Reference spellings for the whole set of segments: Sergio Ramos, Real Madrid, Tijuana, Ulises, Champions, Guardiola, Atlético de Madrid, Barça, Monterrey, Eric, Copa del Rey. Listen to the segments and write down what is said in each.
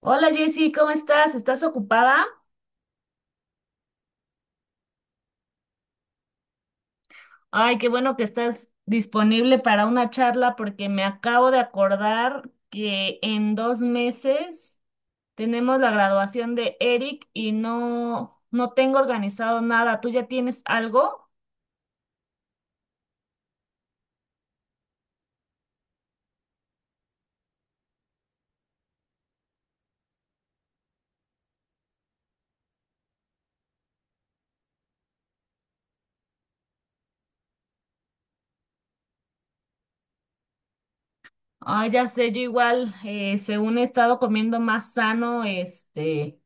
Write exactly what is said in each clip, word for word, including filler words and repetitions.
Hola Jessy, ¿cómo estás? ¿Estás ocupada? Ay, qué bueno que estás disponible para una charla porque me acabo de acordar que en dos meses tenemos la graduación de Eric y no, no tengo organizado nada. ¿Tú ya tienes algo? Ay, ya sé, yo igual, eh, según he estado comiendo más sano, este,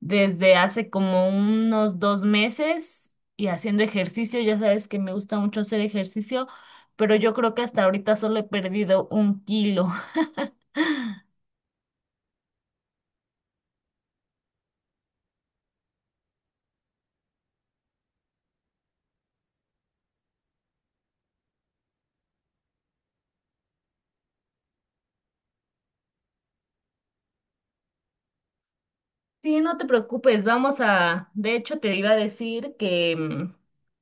desde hace como unos dos meses y haciendo ejercicio. Ya sabes que me gusta mucho hacer ejercicio, pero yo creo que hasta ahorita solo he perdido un kilo. Sí, no te preocupes, vamos a, de hecho te iba a decir que, mm,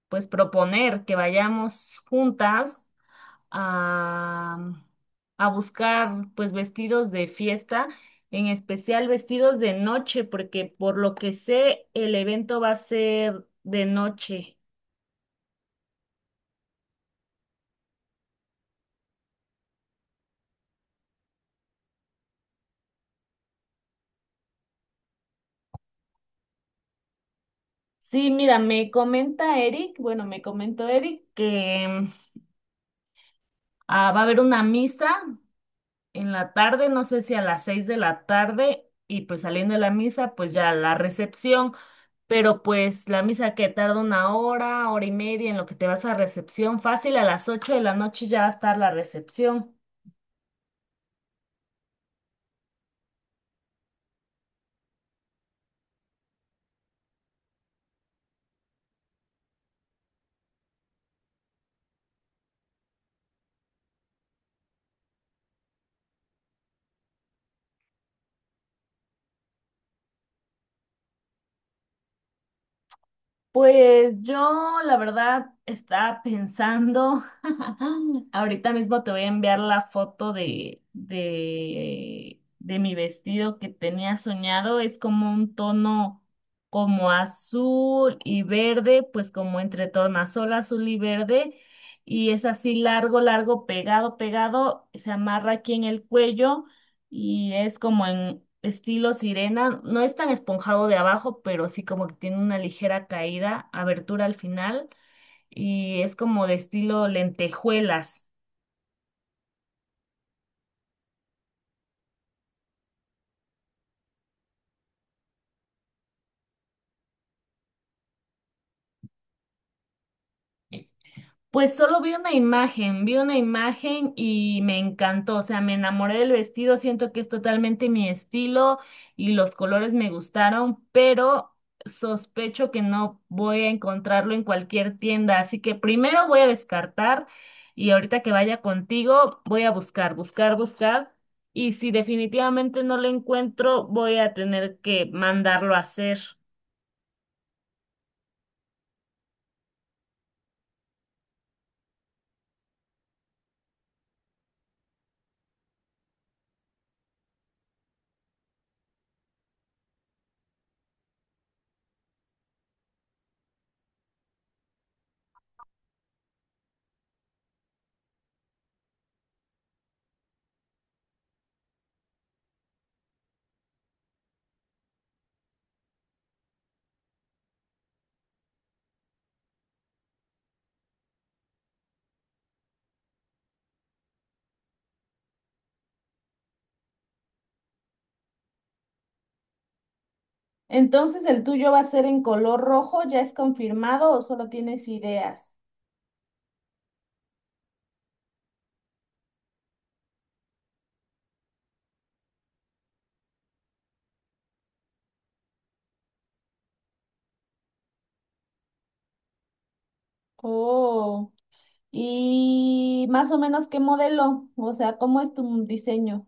pues proponer que vayamos juntas a, a buscar pues vestidos de fiesta, en especial vestidos de noche, porque por lo que sé el evento va a ser de noche. Sí, mira, me comenta Eric, bueno, me comentó Eric que mm, ah, va a haber una misa en la tarde, no sé si a las seis de la tarde, y pues saliendo de la misa, pues ya la recepción, pero pues la misa que tarda una hora, hora y media en lo que te vas a recepción, fácil a las ocho de la noche ya va a estar la recepción. Pues yo, la verdad, estaba pensando, ahorita mismo te voy a enviar la foto de, de, de mi vestido que tenía soñado, es como un tono como azul y verde, pues como entre tornasol azul y verde, y es así largo, largo, pegado, pegado, se amarra aquí en el cuello y es como en estilo sirena, no es tan esponjado de abajo, pero sí como que tiene una ligera caída, abertura al final, y es como de estilo lentejuelas. Pues solo vi una imagen, vi una imagen y me encantó, o sea, me enamoré del vestido, siento que es totalmente mi estilo y los colores me gustaron, pero sospecho que no voy a encontrarlo en cualquier tienda, así que primero voy a descartar y ahorita que vaya contigo voy a buscar, buscar, buscar y si definitivamente no lo encuentro voy a tener que mandarlo a hacer. Entonces, ¿el tuyo va a ser en color rojo? ¿Ya es confirmado o solo tienes ideas? Oh, y más o menos qué modelo, o sea, ¿cómo es tu diseño?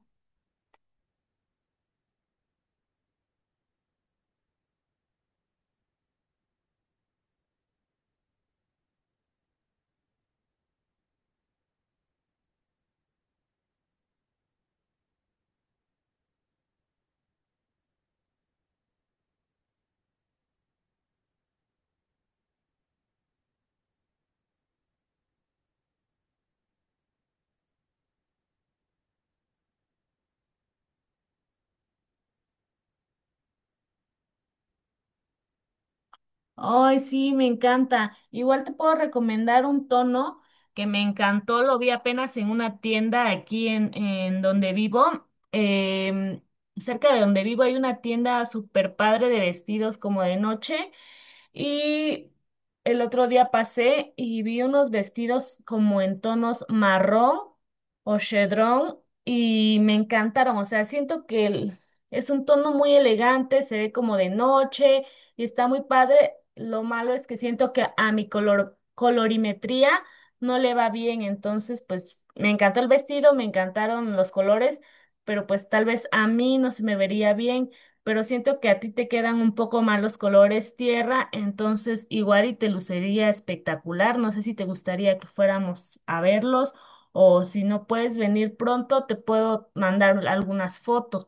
Ay, sí, me encanta. Igual te puedo recomendar un tono que me encantó, lo vi apenas en una tienda aquí en, en donde vivo. Em, Cerca de donde vivo hay una tienda súper padre de vestidos como de noche. Y el otro día pasé y vi unos vestidos como en tonos marrón o chedrón y me encantaron. O sea, siento que el- es un tono muy elegante, se ve como de noche y está muy padre. Lo malo es que siento que a mi color, colorimetría no le va bien. Entonces, pues me encantó el vestido, me encantaron los colores, pero pues tal vez a mí no se me vería bien, pero siento que a ti te quedan un poco mal los colores tierra, entonces igual y te lucería espectacular. No sé si te gustaría que fuéramos a verlos o si no puedes venir pronto, te puedo mandar algunas fotos.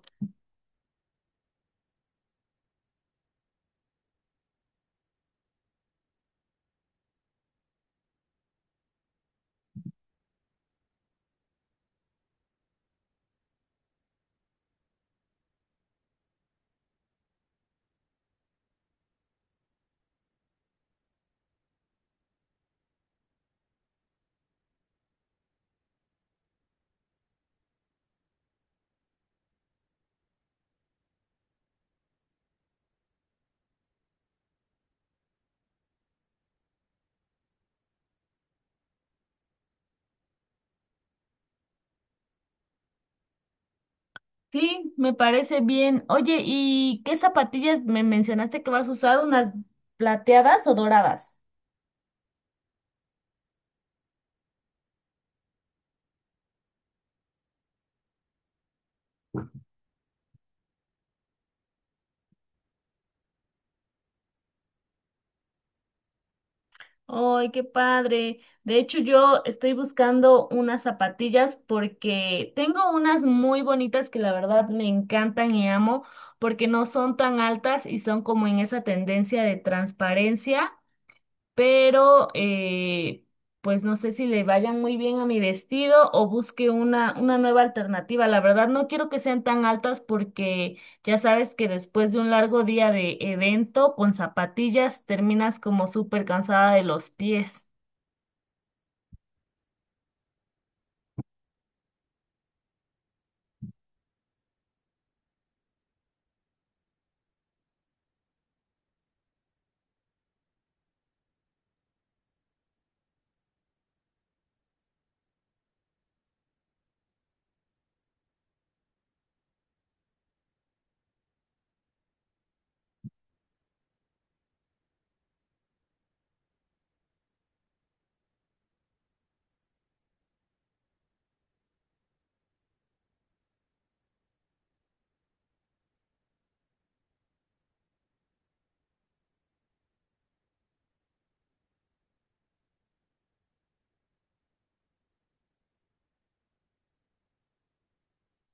Sí, me parece bien. Oye, ¿y qué zapatillas me mencionaste que vas a usar? ¿Unas plateadas o doradas? Ay, qué padre. De hecho, yo estoy buscando unas zapatillas porque tengo unas muy bonitas que la verdad me encantan y amo porque no son tan altas y son como en esa tendencia de transparencia, pero eh, pues no sé si le vayan muy bien a mi vestido o busque una, una nueva alternativa. La verdad no quiero que sean tan altas porque ya sabes que después de un largo día de evento con zapatillas terminas como súper cansada de los pies.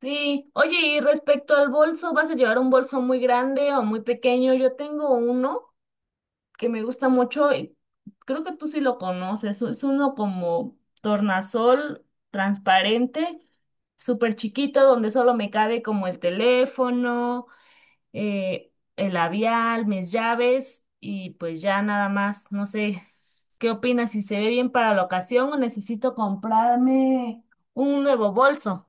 Sí, oye, y respecto al bolso, ¿vas a llevar un bolso muy grande o muy pequeño? Yo tengo uno que me gusta mucho, y creo que tú sí lo conoces, es uno como tornasol transparente, súper chiquito, donde solo me cabe como el teléfono, eh, el labial, mis llaves y pues ya nada más, no sé, ¿qué opinas? ¿Si se ve bien para la ocasión o necesito comprarme un nuevo bolso?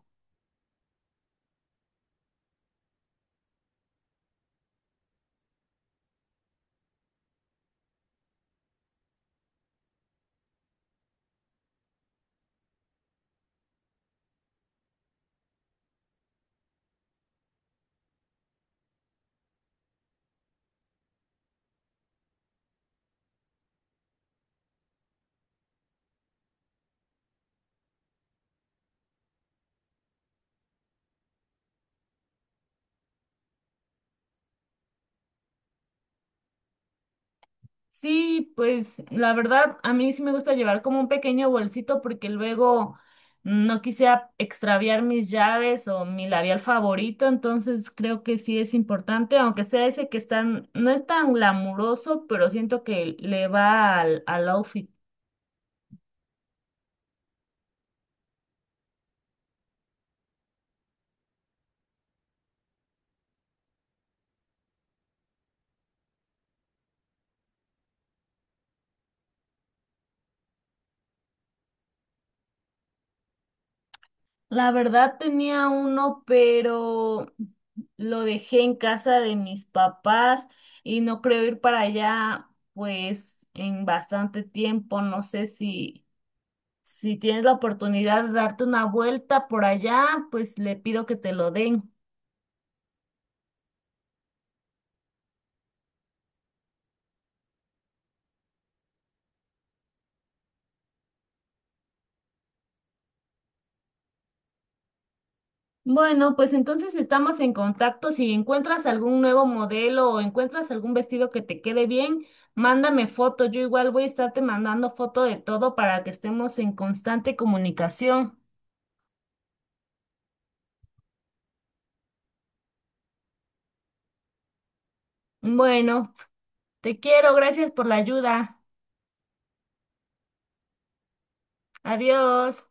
Sí, pues la verdad, a mí sí me gusta llevar como un pequeño bolsito porque luego no quisiera extraviar mis llaves o mi labial favorito, entonces creo que sí es importante, aunque sea ese que están, no es tan glamuroso, pero siento que le va al, al outfit. La verdad tenía uno, pero lo dejé en casa de mis papás y no creo ir para allá, pues en bastante tiempo, no sé si... Si tienes la oportunidad de darte una vuelta por allá, pues le pido que te lo den. Bueno, pues entonces estamos en contacto. Si encuentras algún nuevo modelo o encuentras algún vestido que te quede bien, mándame foto. Yo igual voy a estarte mandando foto de todo para que estemos en constante comunicación. Bueno, te quiero. Gracias por la ayuda. Adiós.